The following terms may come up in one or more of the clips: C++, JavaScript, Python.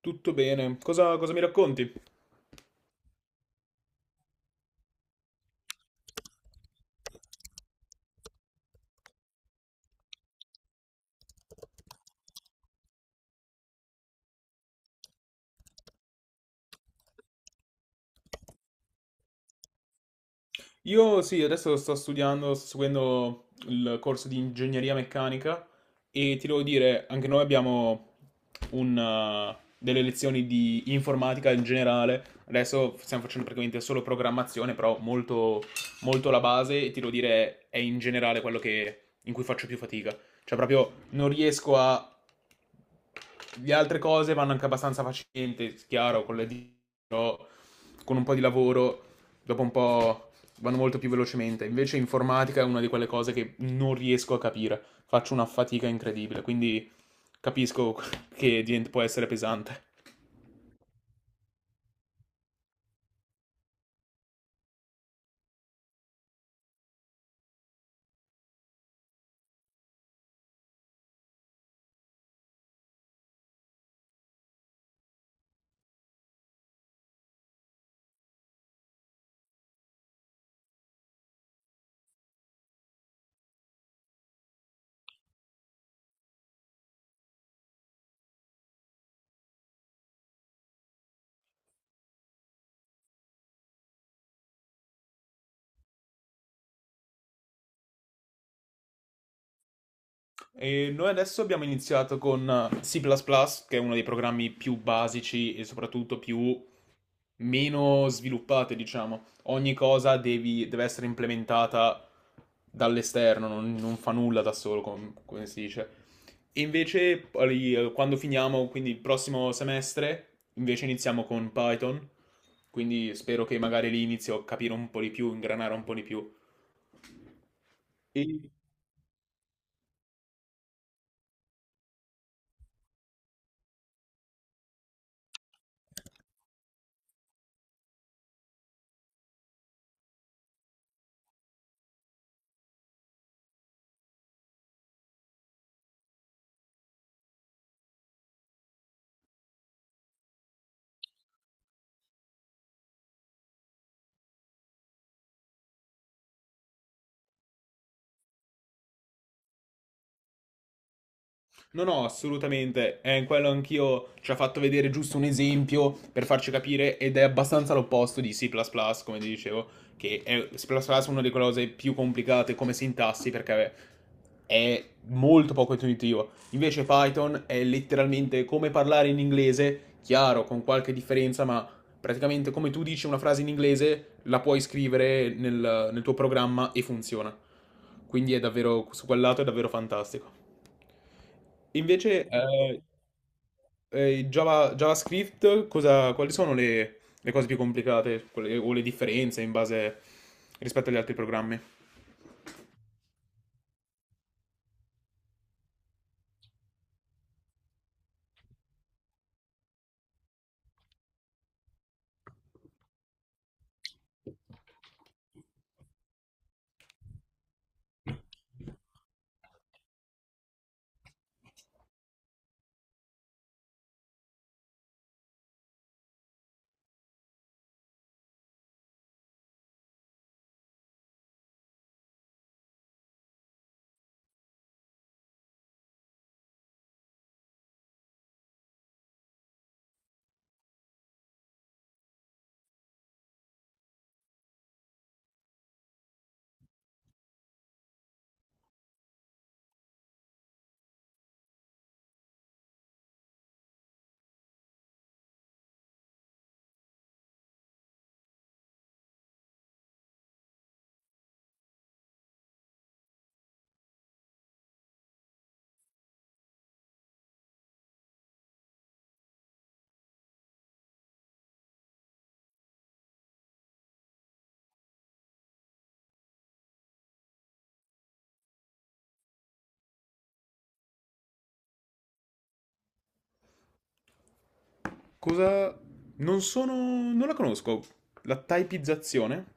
Tutto bene, cosa mi racconti? Io sì, adesso sto studiando, sto seguendo il corso di ingegneria meccanica e ti devo dire, anche noi abbiamo delle lezioni di informatica in generale, adesso stiamo facendo praticamente solo programmazione, molto la base e ti devo dire è in generale in cui faccio più fatica, cioè proprio non riesco a. Le altre cose vanno anche abbastanza facilmente, chiaro, con le dita, però con un po' di lavoro, dopo un po' vanno molto più velocemente. Invece informatica è una di quelle cose che non riesco a capire, faccio una fatica incredibile, quindi capisco che può essere pesante. E noi adesso abbiamo iniziato con C++, plus plus, che è uno dei programmi più basici e soprattutto più meno sviluppate, diciamo. Ogni cosa deve essere implementata dall'esterno, non fa nulla da solo, come si dice. E invece, poi, quando finiamo, quindi il prossimo semestre, invece iniziamo con Python. Quindi spero che magari lì inizio a capire un po' di più, ingranare un po' di più. E no, no, assolutamente. Quello anch'io ci ha fatto vedere giusto un esempio per farci capire ed è abbastanza l'opposto di C++, come ti dicevo, che è C++ è una delle cose più complicate come sintassi perché è molto poco intuitivo. Invece Python è letteralmente come parlare in inglese, chiaro, con qualche differenza, ma praticamente come tu dici una frase in inglese, la puoi scrivere nel tuo programma e funziona. Quindi è davvero, su quel lato è davvero fantastico. Invece, il JavaScript, quali sono le cose più complicate o le differenze in base rispetto agli altri programmi? Cosa... non sono... non la conosco. La typizzazione?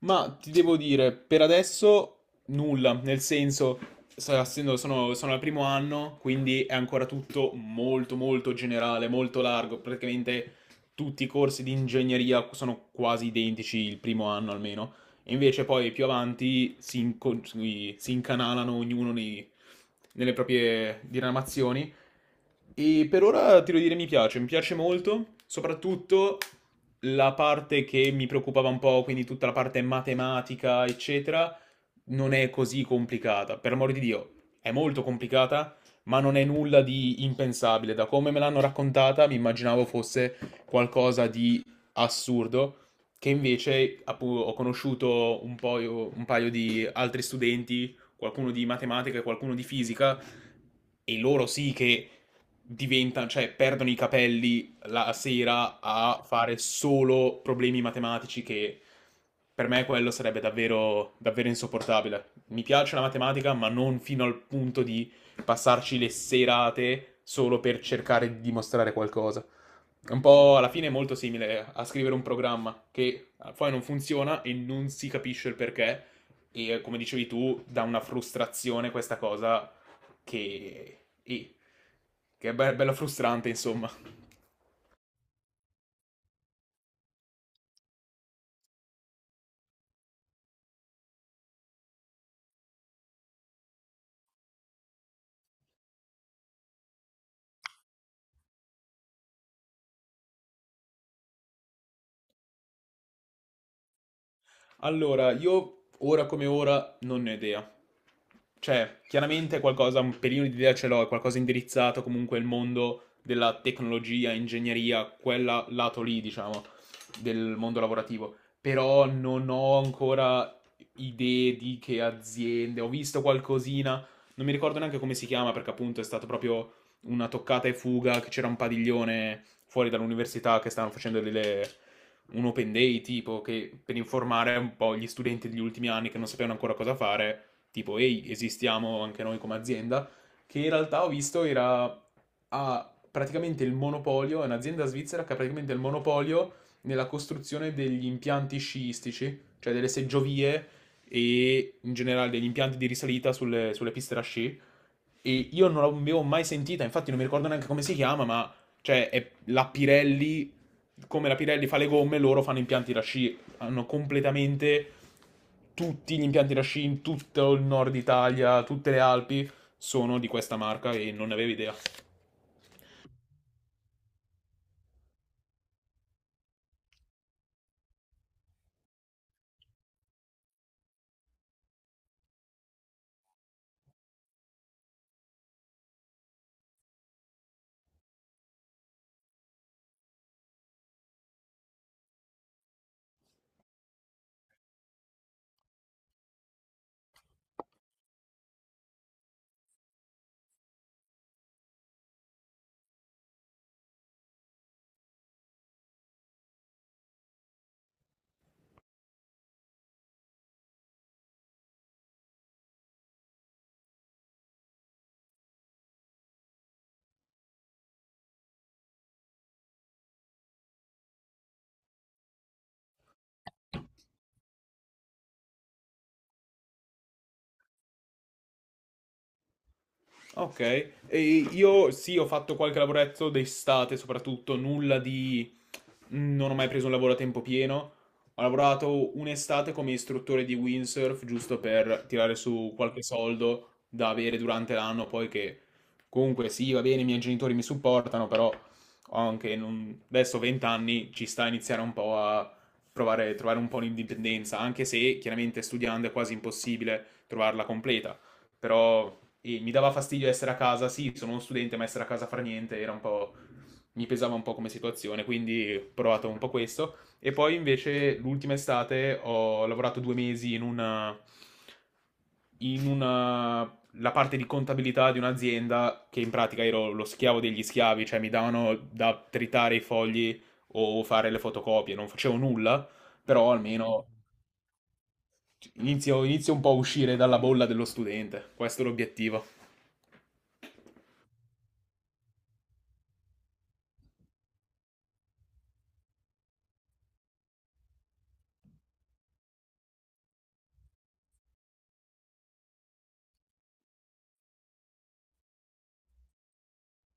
Ma ti devo dire, per adesso nulla, nel senso, sono al primo anno, quindi è ancora tutto molto molto generale, molto largo, praticamente tutti i corsi di ingegneria sono quasi identici il primo anno almeno, e invece poi più avanti si incanalano nelle proprie diramazioni. E per ora ti devo dire mi piace molto, soprattutto la parte che mi preoccupava un po', quindi tutta la parte matematica, eccetera, non è così complicata. Per amor di Dio, è molto complicata, ma non è nulla di impensabile. Da come me l'hanno raccontata, mi immaginavo fosse qualcosa di assurdo, che invece ho conosciuto un po' un paio di altri studenti, qualcuno di matematica e qualcuno di fisica, e loro sì che diventano, cioè perdono i capelli la sera a fare solo problemi matematici che per me quello sarebbe davvero, davvero insopportabile. Mi piace la matematica, ma non fino al punto di passarci le serate solo per cercare di dimostrare qualcosa. È un po' alla fine è molto simile a scrivere un programma che poi non funziona e non si capisce il perché. E come dicevi tu, dà una frustrazione questa cosa che, eh, che è bella frustrante, insomma. Allora, io ora come ora non ne ho idea. Cioè, chiaramente qualcosa, un pelino di idea ce l'ho, è qualcosa indirizzato comunque al mondo della tecnologia, ingegneria, quella lato lì, diciamo, del mondo lavorativo. Però non ho ancora idee di che aziende, ho visto qualcosina, non mi ricordo neanche come si chiama, perché appunto è stato proprio una toccata e fuga, che c'era un padiglione fuori dall'università che stavano facendo delle un open day tipo che per informare un po' gli studenti degli ultimi anni che non sapevano ancora cosa fare, tipo ehi, esistiamo anche noi come azienda, che in realtà ho visto era ha praticamente il monopolio, è un'azienda svizzera che ha praticamente il monopolio nella costruzione degli impianti sciistici, cioè delle seggiovie e in generale degli impianti di risalita sulle piste da sci e io non l'avevo mai sentita, infatti non mi ricordo neanche come si chiama, ma cioè è la Pirelli, come la Pirelli fa le gomme, loro fanno impianti da sci, hanno completamente tutti gli impianti da sci in tutto il nord Italia, tutte le Alpi sono di questa marca e non ne avevo idea. Ok, e io sì, ho fatto qualche lavoretto d'estate, soprattutto nulla di... non ho mai preso un lavoro a tempo pieno. Ho lavorato un'estate come istruttore di windsurf, giusto per tirare su qualche soldo da avere durante l'anno, poi che comunque sì, va bene, i miei genitori mi supportano, però ho anche adesso ho 20 anni, ci sta a iniziare un po' a provare trovare un po' l'indipendenza, anche se chiaramente studiando è quasi impossibile trovarla completa però mi dava fastidio essere a casa, sì, sono uno studente, ma essere a casa a fare niente era un po'... mi pesava un po' come situazione, quindi ho provato un po' questo. E poi invece l'ultima estate ho lavorato 2 mesi in una... la parte di contabilità di un'azienda che in pratica ero lo schiavo degli schiavi, cioè mi davano da tritare i fogli o fare le fotocopie, non facevo nulla, però almeno inizio un po' a uscire dalla bolla dello studente, questo è l'obiettivo.